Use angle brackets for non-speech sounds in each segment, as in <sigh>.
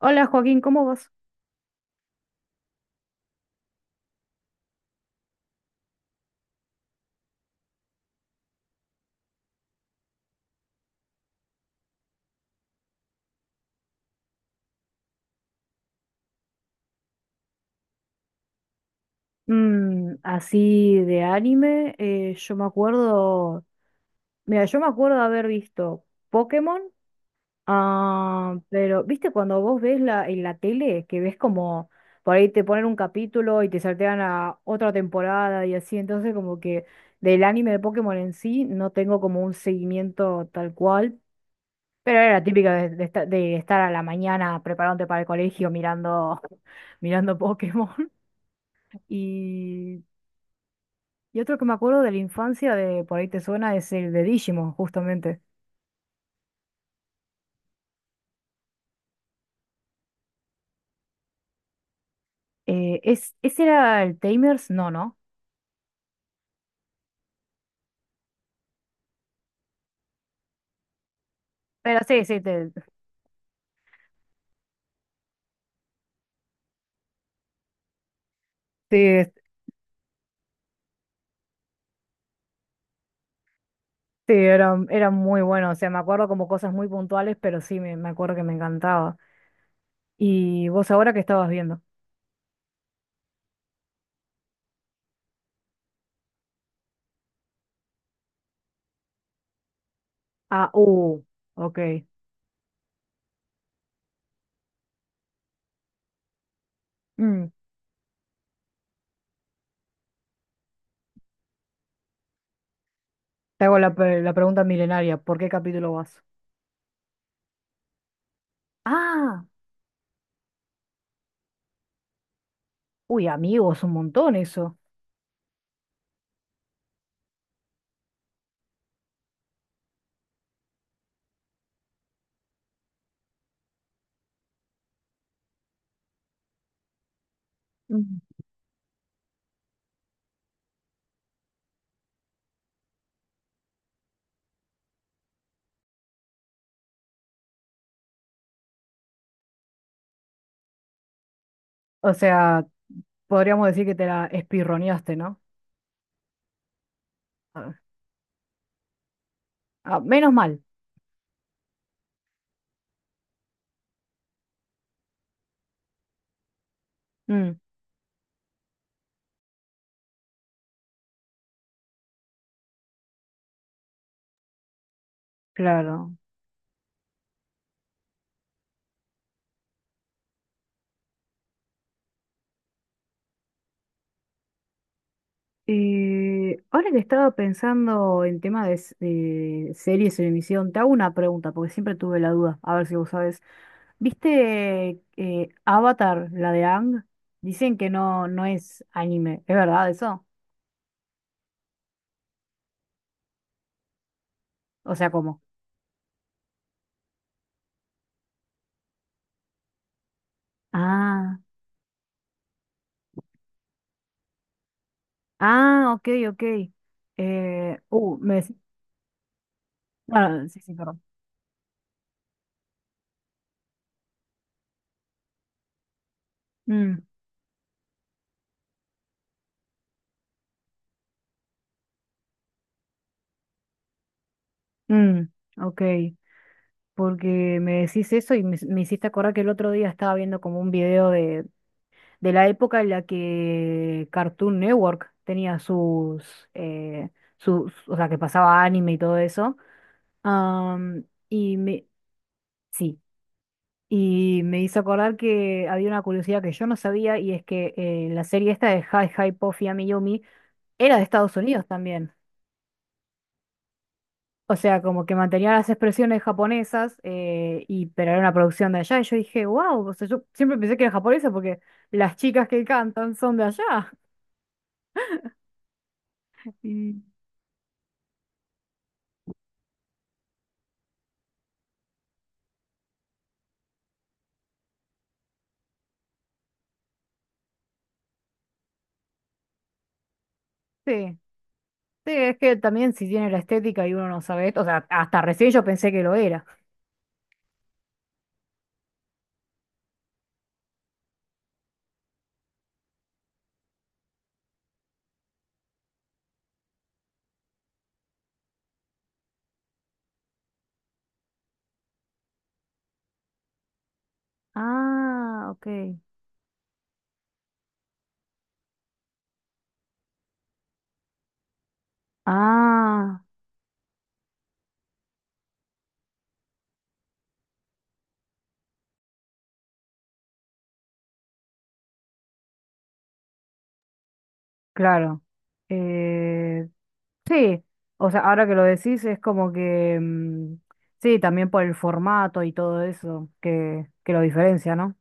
Hola Joaquín, ¿cómo vas? Mm, así de anime, yo me acuerdo, mira, yo me acuerdo de haber visto Pokémon. Ah, pero viste cuando vos ves en la tele, que ves como por ahí te ponen un capítulo y te saltean a otra temporada y así, entonces como que del anime de Pokémon en sí no tengo como un seguimiento tal cual, pero era la típica de estar a la mañana preparándote para el colegio mirando, <laughs> mirando Pokémon. Y Y otro que me acuerdo de la infancia, de por ahí te suena, es el de Digimon, justamente. Es, ¿ese era el Tamers? No, ¿no? Pero sí, sí, sí, es- sí, era, era muy bueno. O sea, me acuerdo como cosas muy puntuales, pero sí, me acuerdo que me encantaba. ¿Y vos ahora qué estabas viendo? Ah, ok. Mm, te hago la pregunta milenaria, ¿por qué capítulo vas? Ah, uy, amigos, un montón eso. Mm. O sea, podríamos decir que te la espirroneaste, ¿no? Ah, ah, menos mal. Mm. Claro. Ahora que estaba pensando en tema de, de series en emisión, te hago una pregunta, porque siempre tuve la duda, a ver si vos sabés. ¿Viste Avatar, la de Ang? Dicen que no, no es anime, ¿es verdad eso? O sea, ¿cómo? Ah, ah, ok, ok. Uh, me decís, ah, sí, sí, perdón. Mm, mm, ok, porque me decís eso y me hiciste acordar que el otro día estaba viendo como un video de la época en la que Cartoon Network tenía sus, o sea, que pasaba anime y todo eso. Am, y me, sí, y me hizo acordar que había una curiosidad que yo no sabía y es que la serie esta de Hi Hi Puffy Ami Yumi era de Estados Unidos también. O sea, como que mantenía las expresiones japonesas, pero era una producción de allá. Y yo dije, wow, o sea, yo siempre pensé que era japonesa porque las chicas que cantan son de allá. Y, sí. Sí, es que también si tiene la estética y uno no sabe esto, o sea, hasta recién yo pensé que lo era. Ah, ok. Ah, claro. Eh, sí, o sea, ahora que lo decís es como que, mm, sí, también por el formato y todo eso que lo diferencia, ¿no?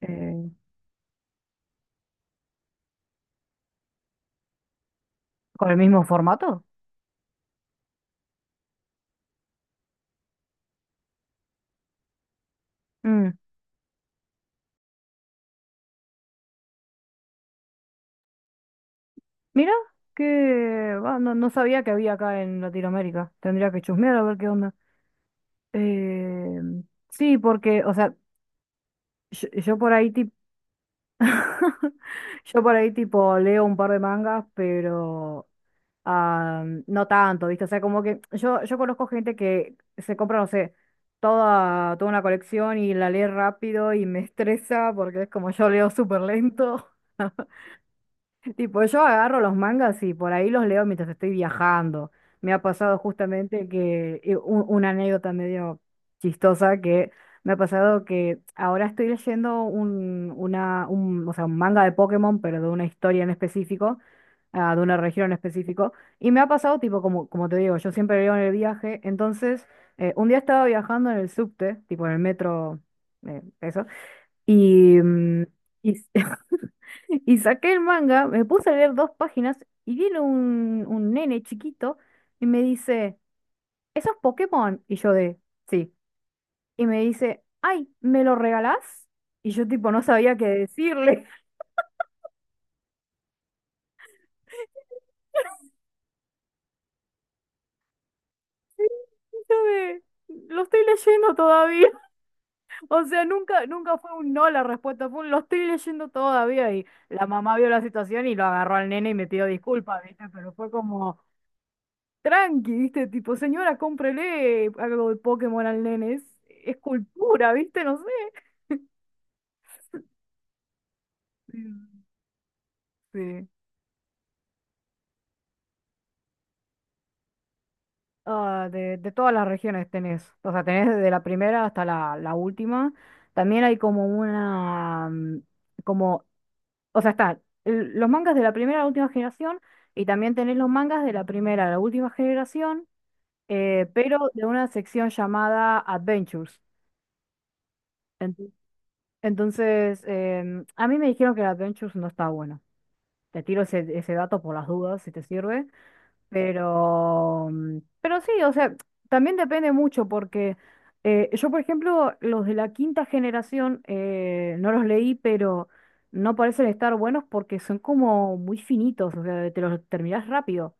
Eh, con el mismo formato. Mm, mira, que ah, no, no sabía que había acá en Latinoamérica. Tendría que chusmear a ver qué onda. Eh, sí, porque, o sea, yo por ahí <laughs> yo por ahí tipo leo un par de mangas, pero ah, no tanto, ¿viste? O sea, como que yo conozco gente que se compra, no sé, toda una colección y la lee rápido y me <laughs> estresa porque es como yo leo súper lento. <laughs> Tipo, yo agarro los mangas y por ahí los leo mientras estoy viajando. Me ha pasado justamente que una anécdota medio chistosa que me ha pasado que ahora estoy leyendo o sea, un manga de Pokémon, pero de una historia en específico, ah, de una región en específico. Y me ha pasado, tipo, como, como te digo, yo siempre leo en el viaje. Entonces, un día estaba viajando en el subte, tipo en el metro, eso. Y, mm, y, <laughs> y saqué el manga, me puse a leer dos páginas y viene un nene chiquito y me dice, ¿eso es Pokémon? Y yo de, sí. Y me dice, ay, ¿me lo regalás? Y yo tipo no sabía qué decirle. <laughs> Yo de, lo estoy leyendo todavía. <laughs> O sea, nunca, nunca fue un no la respuesta, fue un lo estoy leyendo todavía. Y la mamá vio la situación y lo agarró al nene y me pidió disculpas, ¿viste? Pero fue como... tranqui, ¿viste? Tipo, señora, cómprele algo de Pokémon al nene. Es cultura, ¿viste? No sé. Sí. Sí. Ah, de todas las regiones tenés, o sea, tenés desde la primera hasta la última. También hay como una, mm, como, o sea, están los mangas de la primera a la última generación y también tenés los mangas de la primera a la última generación, pero de una sección llamada Adventures. Ent- Entonces, em, a mí me dijeron que el Adventures no está bueno. Te tiro ese dato por las dudas, si te sirve. Pero, mm, pero sí, o sea, también depende mucho porque por ejemplo, los de la quinta generación no los leí, pero no parecen estar buenos porque son como muy finitos, o sea, te los terminás rápido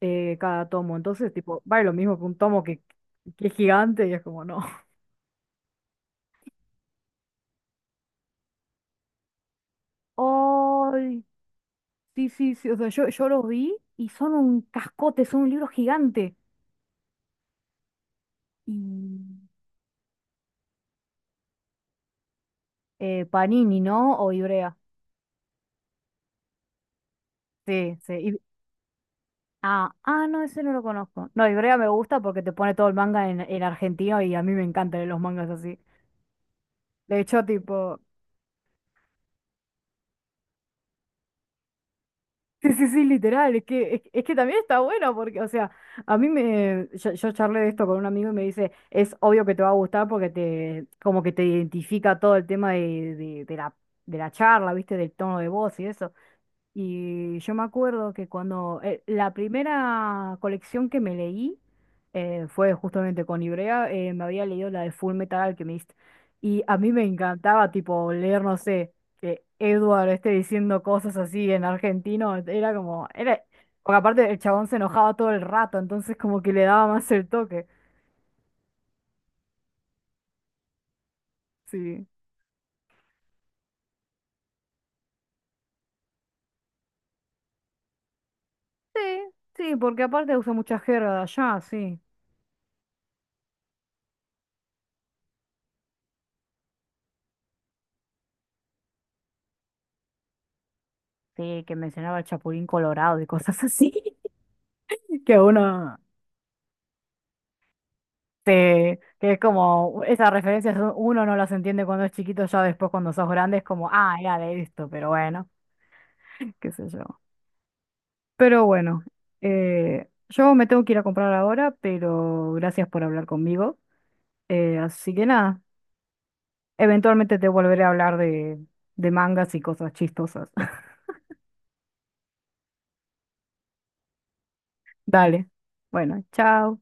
cada tomo. Entonces, tipo, vale lo mismo que que es gigante y es como, no. Ay, sí, sí, sí, o sea, yo los vi y son un cascote, son un libro gigante. Y eh, Panini, ¿no? O Ibrea. Sí, sí. Ah, ah, no, ese no lo conozco. No, Ibrea me gusta porque te pone todo el manga en argentino y a mí me encantan los mangas así. De hecho, tipo, <laughs> sí, sí, sí, literal, es que también está bueno porque, o sea, a mí me, yo charlé de esto con un amigo y me dice, es obvio que te va a gustar porque te, como que te identifica todo el tema de la charla, ¿viste? Del tono de voz y eso. Y yo me acuerdo que cuando la primera colección que me leí fue justamente con Ibrea, me había leído la de Full Metal Alchemist. Y a mí me encantaba, tipo, leer, no sé, que Edward esté diciendo cosas así en argentino. Era como, era, porque aparte el chabón se enojaba todo el rato, entonces como que le daba más el toque. Sí. Sí, sí, porque aparte usa mucha jerga de allá, sí. Sí, que mencionaba el Chapulín Colorado y cosas así. <laughs> Que a uno, sí, que es como, esas referencias uno no las entiende cuando es chiquito, ya después cuando sos grande es como, ah, ya de esto, pero bueno, qué sé yo. Pero bueno, yo me tengo que ir a comprar ahora, pero gracias por hablar conmigo. Así que nada, eventualmente te volveré a hablar de mangas y cosas chistosas. <laughs> Dale, bueno, chao.